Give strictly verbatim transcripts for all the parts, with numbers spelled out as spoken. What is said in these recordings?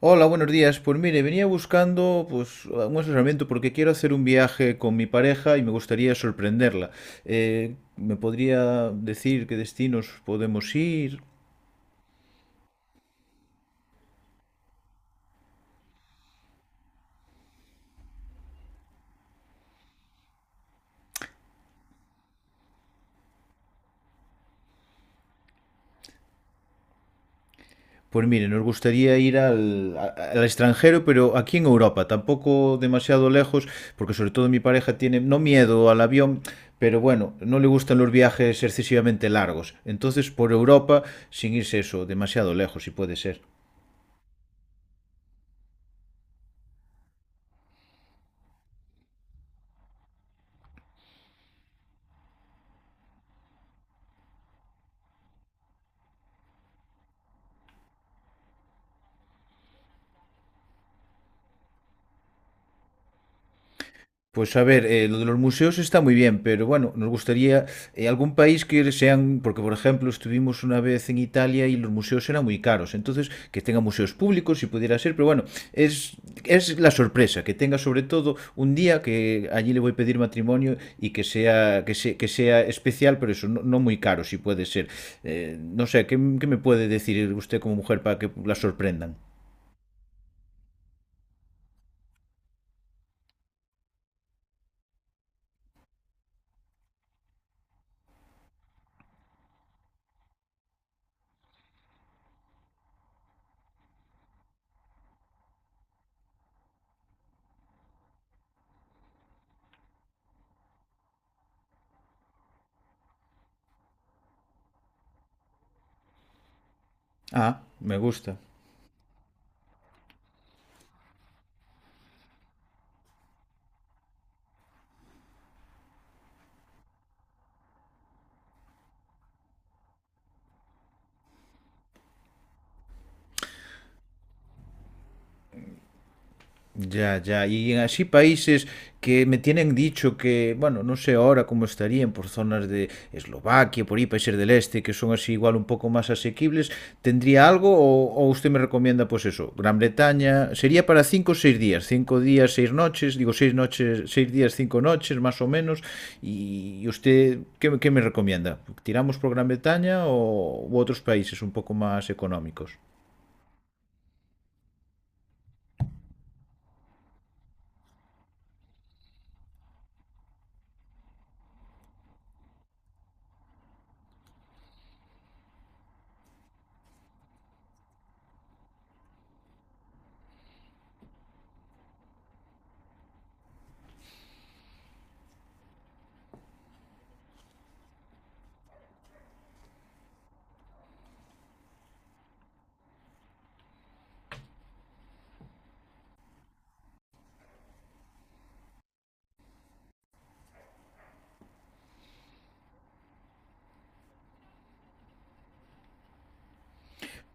Hola, buenos días. Pues mire, venía buscando pues un asesoramiento porque quiero hacer un viaje con mi pareja y me gustaría sorprenderla. Eh, ¿me podría decir qué destinos podemos ir? Pues mire, nos gustaría ir al, a- al extranjero, pero aquí en Europa, tampoco demasiado lejos, porque sobre todo mi pareja tiene no miedo al avión, pero bueno, no le gustan los viajes excesivamente largos. Entonces, por Europa, sin irse eso, demasiado lejos, si puede ser. Pues a ver, eh, lo de los museos está muy bien, pero bueno, nos gustaría eh, algún país que sean, porque por ejemplo estuvimos una vez en Italia y los museos eran muy caros, entonces que tenga museos públicos si pudiera ser, pero bueno, es, es la sorpresa, que tenga sobre todo un día que allí le voy a pedir matrimonio y que sea, que se- que sea especial, pero eso, no, no muy caro si puede ser. Eh, no sé, ¿qué, ¿qué me puede decir usted como mujer para que la sorprendan? Ah, me gusta. Ya, ya. Y en así países que me tienen dicho que, bueno, no sé ahora cómo estarían por zonas de Eslovaquia, por ahí, países del este, que son así igual un poco más asequibles, ¿tendría algo o, o usted me recomienda pues eso? Gran Bretaña, sería para cinco o seis días, cinco días, seis noches, digo seis noches, seis días, cinco noches más o menos, y, usted, ¿qué, me- ¿qué me recomienda? ¿Tiramos por Gran Bretaña o u otros países un poco más económicos?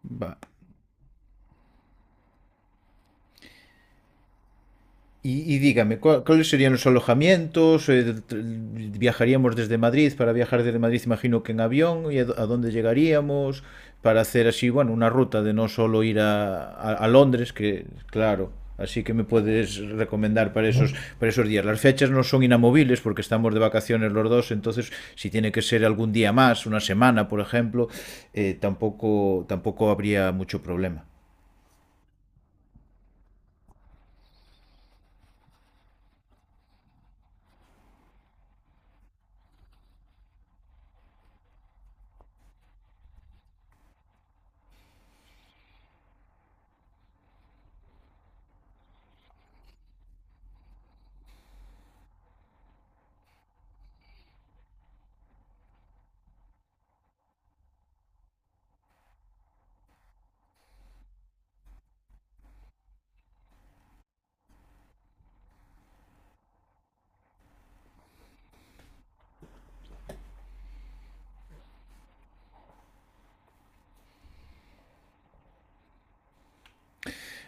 Va- Y, y dígame, ¿cuál- ¿cuáles serían los alojamientos? Eh, ¿Viajaríamos desde Madrid? Para viajar desde Madrid, imagino que en avión. ¿Y a, a dónde llegaríamos? Para hacer así, bueno, una ruta de no solo ir a, a- a Londres, que claro, así que me puedes recomendar para esos, para esos días. Las fechas no son inamovibles porque estamos de vacaciones los dos, entonces si tiene que ser algún día más, una semana, por ejemplo, eh, tampoco, tampoco habría mucho problema.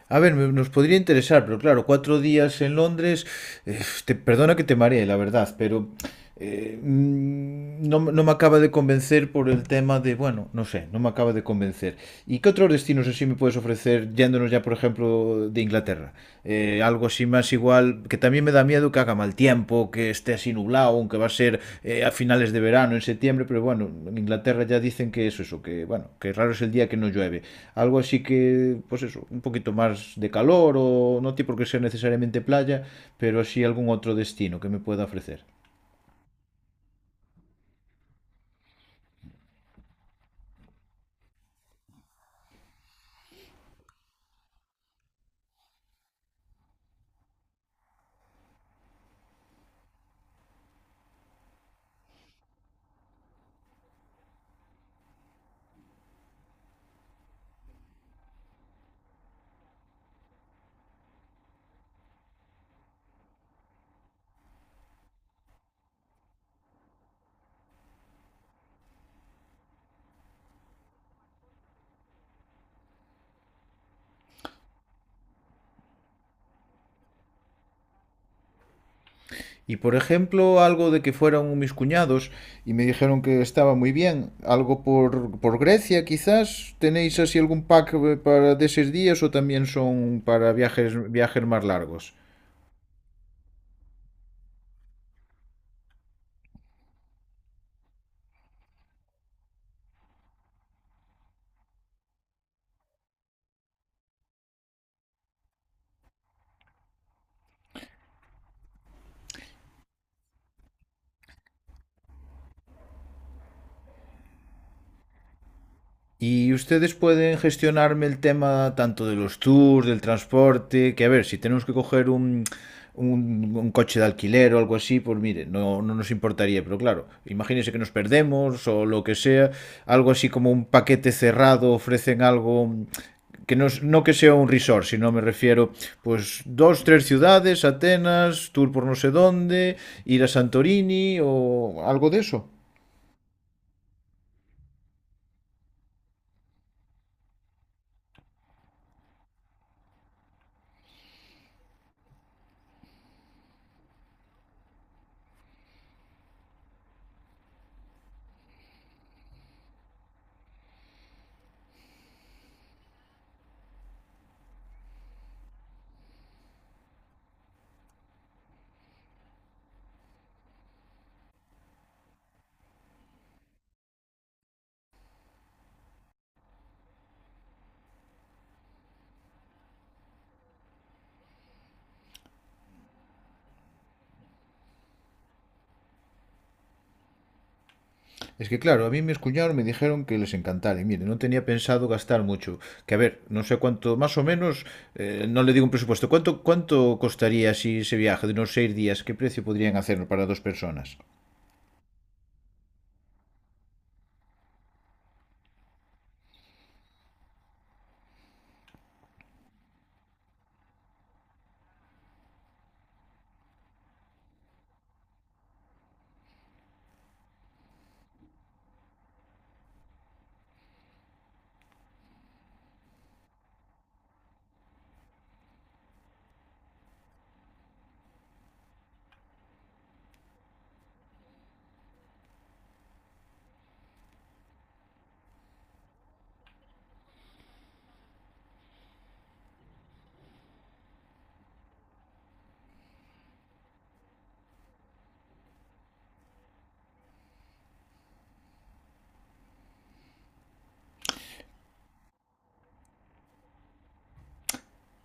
A ver, me- nos podría interesar, pero claro, cuatro días en Londres, eh, te, perdona que te maree, la verdad, pero eh, mm, no, no me acaba de convencer por el tema de, bueno, no sé, no me acaba de convencer. ¿Y qué otros destinos así me puedes ofrecer yéndonos ya, por ejemplo, de Inglaterra? Eh, algo así más igual igual, que también me da miedo que haga mal tiempo, que esté así nublado, aunque va a ser eh, a finales de verano, en septiembre, pero bueno, en Inglaterra ya dicen que es eso, que bueno, que raro es el día que no llueve. Algo así que, pues eso, un poquito más de calor o no tiene por qué ser necesariamente playa, pero sí algún otro destino que me pueda ofrecer. Y por ejemplo, algo de que fueron mis cuñados y me dijeron que estaba muy bien. Algo por, por Grecia, quizás. ¿Tenéis así algún pack eh, para de esos días o también son para viajes, viajes más largos? Y ustedes pueden gestionarme el tema tanto de los tours, del transporte, que a ver, si tenemos que coger un, un, un coche de alquiler o algo así, pues mire, no, no nos importaría, pero claro, imagínense que nos perdemos o lo que sea, algo así como un paquete cerrado, ofrecen algo que no, no que sea un resort, sino me refiero, pues dos, tres ciudades, Atenas, tour por no sé dónde, ir a Santorini o algo de eso. Es que claro, a mí mis cuñados me dijeron que les encantara. Y mire, no tenía pensado gastar mucho. Que a ver, no sé cuánto, más o menos, eh, no le digo un presupuesto. ¿Cuánto, cuánto costaría si ese viaje de unos seis días? ¿Qué precio podrían hacerlo para dos personas?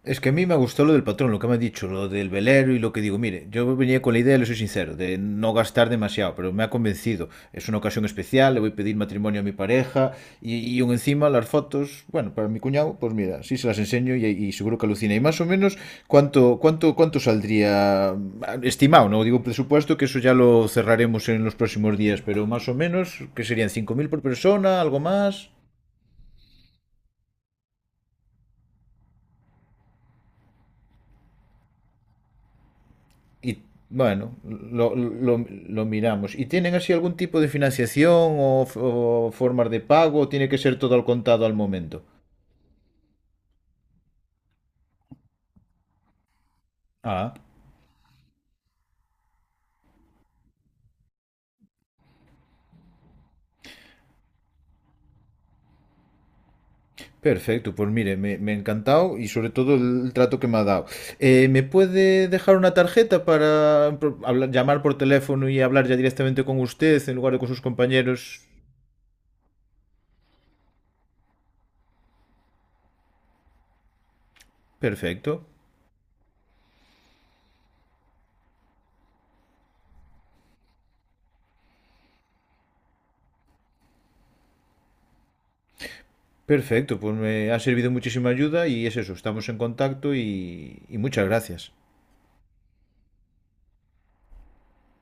Es que a mí me gustó lo del patrón, lo que me ha dicho, lo del velero y lo que digo. Mire, yo venía con la idea, le soy sincero, de no gastar demasiado, pero me ha convencido. Es una ocasión especial, le voy a pedir matrimonio a mi pareja y, y aún encima las fotos, bueno, para mi cuñado, pues mira, sí se las enseño y, y seguro que alucina. Y más o menos, ¿cuánto, cuánto, ¿cuánto saldría estimado? No digo presupuesto, que eso ya lo cerraremos en los próximos días, pero más o menos, ¿qué serían cinco mil por persona, algo más. Y bueno, lo, lo, lo miramos. ¿Y tienen así algún tipo de financiación o, f- o formas de pago? ¿O tiene que ser todo al contado al momento? Ah, perfecto. Pues mire, me, me ha encantado y sobre todo el trato que me ha dado. Eh, ¿me puede dejar una tarjeta para pro- hablar- llamar por teléfono y hablar ya directamente con usted en lugar de con sus compañeros? Perfecto. Perfecto, pues me ha servido muchísima ayuda y es eso, estamos en contacto y y muchas gracias.